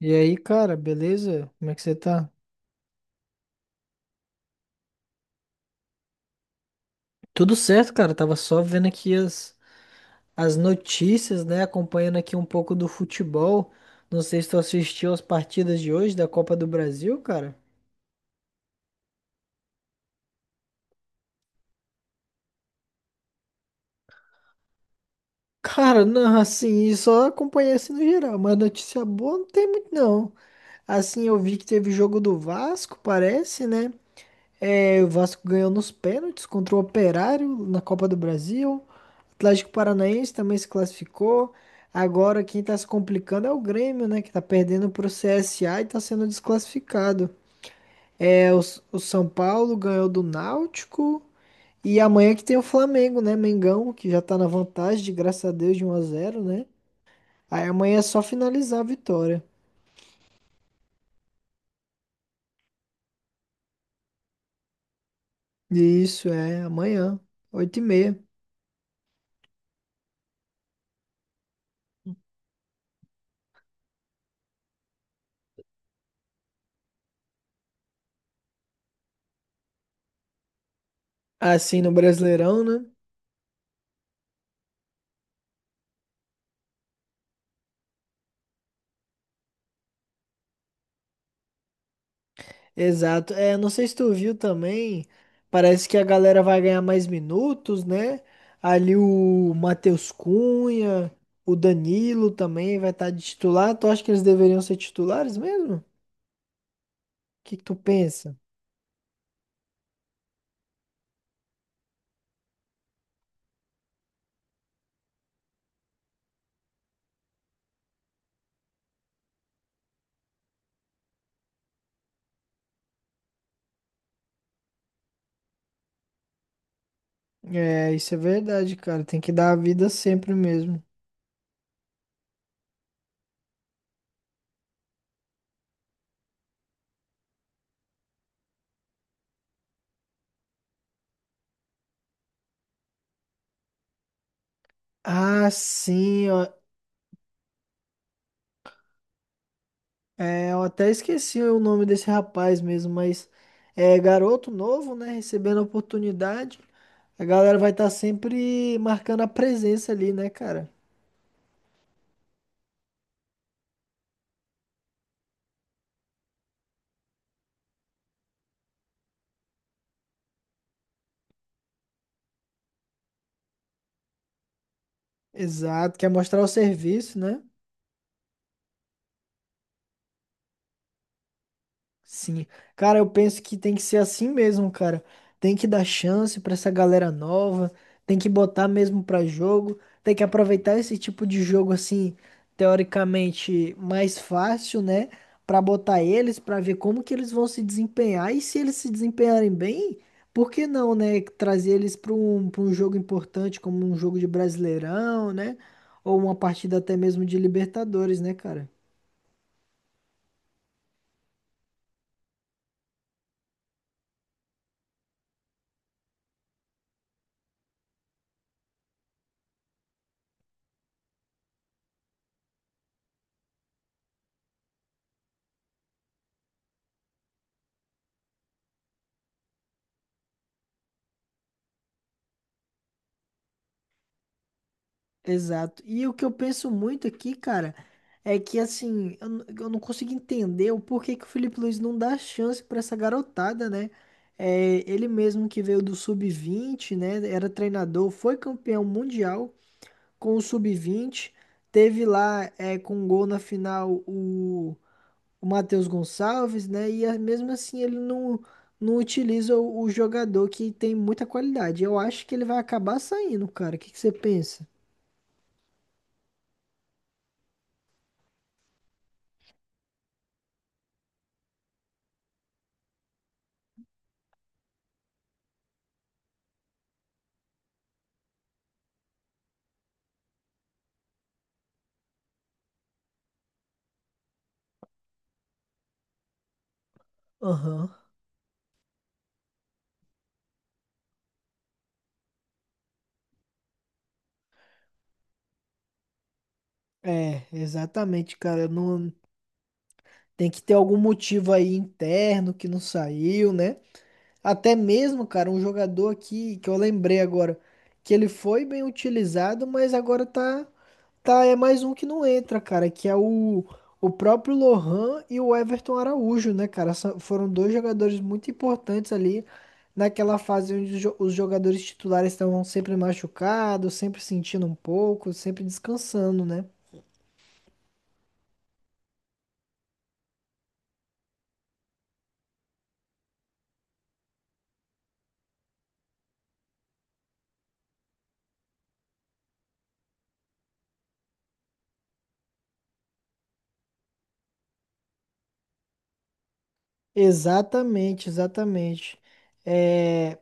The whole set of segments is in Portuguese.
E aí, cara, beleza? Como é que você tá? Tudo certo, cara. Tava só vendo aqui as notícias, né? Acompanhando aqui um pouco do futebol. Não sei se tu assistiu as partidas de hoje da Copa do Brasil, cara. Cara, não, assim, só acompanhei assim no geral, mas notícia boa não tem muito, não. Assim, eu vi que teve jogo do Vasco, parece, né? É, o Vasco ganhou nos pênaltis contra o Operário na Copa do Brasil. Atlético Paranaense também se classificou. Agora quem está se complicando é o Grêmio, né? Que está perdendo para pro CSA e está sendo desclassificado. É, o São Paulo ganhou do Náutico. E amanhã que tem o Flamengo, né? Mengão, que já tá na vantagem, de graças a Deus, de 1-0, né? Aí amanhã é só finalizar a vitória. Isso, é, amanhã, 8:30. Assim no Brasileirão, né? Exato. É, não sei se tu viu também, parece que a galera vai ganhar mais minutos, né? Ali o Matheus Cunha, o Danilo também vai estar de titular. Tu acha que eles deveriam ser titulares mesmo? O que que tu pensa? É, isso é verdade, cara. Tem que dar a vida sempre mesmo. Ah, sim, ó. É, eu até esqueci o nome desse rapaz mesmo, mas é garoto novo, né? Recebendo a oportunidade. A galera vai estar sempre marcando a presença ali, né, cara? Exato, quer mostrar o serviço, né? Sim, cara, eu penso que tem que ser assim mesmo, cara. Tem que dar chance pra essa galera nova, tem que botar mesmo pra jogo, tem que aproveitar esse tipo de jogo assim, teoricamente mais fácil, né, pra botar eles pra ver como que eles vão se desempenhar e se eles se desempenharem bem, por que não, né, trazer eles para um jogo importante como um jogo de Brasileirão, né, ou uma partida até mesmo de Libertadores, né, cara? Exato. E o que eu penso muito aqui, cara, é que assim, eu não consigo entender o porquê que o Felipe Luiz não dá chance pra essa garotada, né? É, ele mesmo que veio do sub-20, né? Era treinador, foi campeão mundial com o sub-20, teve lá com um gol na final o Matheus Gonçalves, né? Mesmo assim ele não utiliza o jogador que tem muita qualidade. Eu acho que ele vai acabar saindo, cara. O que que você pensa? Aham. É, exatamente, cara. Não tem que ter algum motivo aí interno que não saiu, né? Até mesmo, cara, um jogador aqui que eu lembrei agora que ele foi bem utilizado, mas agora tá é mais um que não entra, cara, que é o próprio Lohan e o Everton Araújo, né, cara? Foram dois jogadores muito importantes ali naquela fase onde os jogadores titulares estavam sempre machucados, sempre sentindo um pouco, sempre descansando, né? Exatamente, exatamente. É,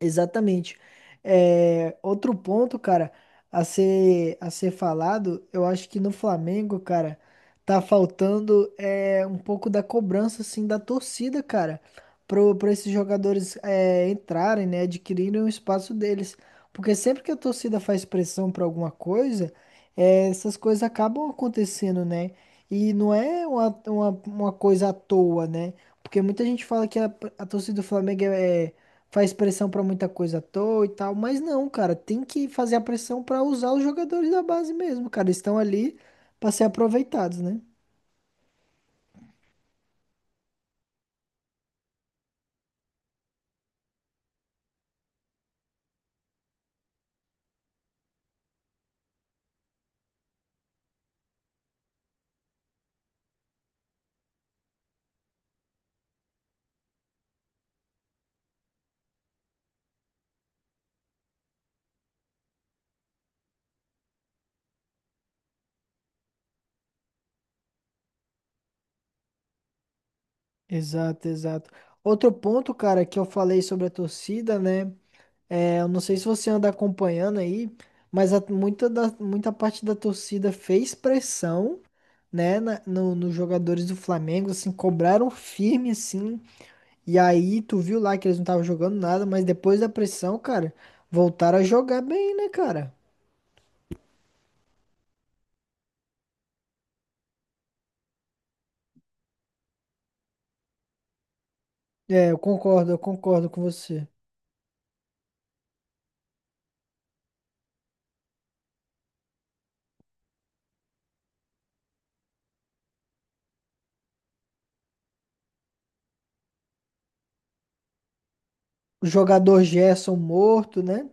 exatamente. É, outro ponto, cara, a ser falado, eu acho que no Flamengo, cara, tá faltando um pouco da cobrança, assim, da torcida, cara, pra esses jogadores entrarem, né, adquirirem o espaço deles. Porque sempre que a torcida faz pressão pra alguma coisa, essas coisas acabam acontecendo, né? E não é uma coisa à toa, né? Porque muita gente fala que a torcida do Flamengo faz pressão pra muita coisa à toa e tal, mas não, cara, tem que fazer a pressão pra usar os jogadores da base mesmo, cara, eles estão ali pra ser aproveitados, né? Exato, exato. Outro ponto, cara, que eu falei sobre a torcida, né? É, eu não sei se você anda acompanhando aí, mas muita parte da torcida fez pressão, né, na- no, nos jogadores do Flamengo, assim, cobraram firme, assim, e aí, tu viu lá que eles não estavam jogando nada, mas depois da pressão, cara, voltaram a jogar bem, né, cara? É, eu concordo com você. O jogador Gerson morto, né,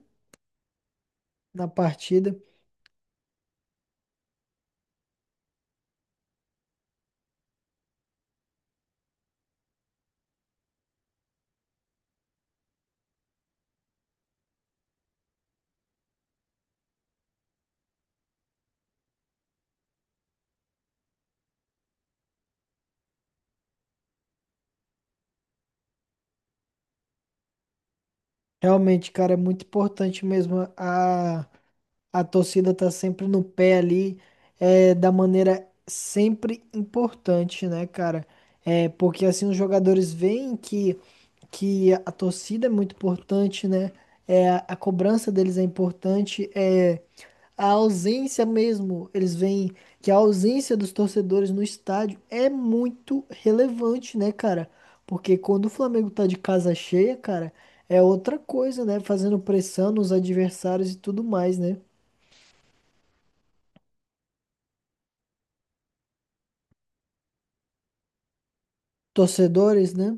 na partida. Realmente, cara, é muito importante mesmo. A torcida tá sempre no pé ali, da maneira sempre importante, né, cara? É, porque assim os jogadores veem que a torcida é muito importante, né? É, a cobrança deles é importante. A ausência mesmo, eles veem que a ausência dos torcedores no estádio é muito relevante, né, cara? Porque quando o Flamengo tá de casa cheia, cara, é outra coisa, né? Fazendo pressão nos adversários e tudo mais, né? Torcedores, né?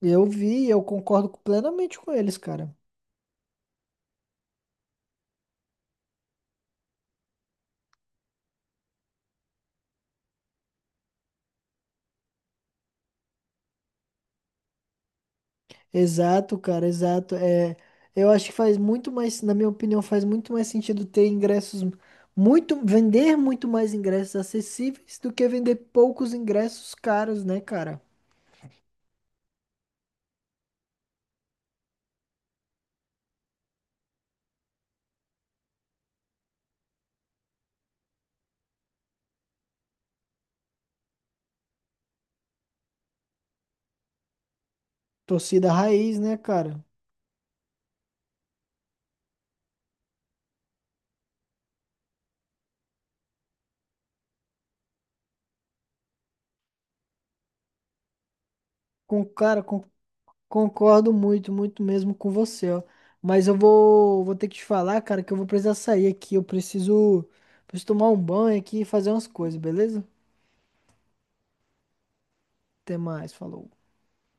Eu vi, e eu concordo plenamente com eles, cara. Exato, cara, exato. É, eu acho que faz muito mais, na minha opinião, faz muito mais sentido ter ingressos muito, vender muito mais ingressos acessíveis do que vender poucos ingressos caros, né, cara? Torcida raiz, né, cara? Cara, concordo muito, muito mesmo com você, ó. Mas eu vou ter que te falar, cara, que eu vou precisar sair aqui. Eu preciso tomar um banho aqui e fazer umas coisas, beleza? Até mais, falou.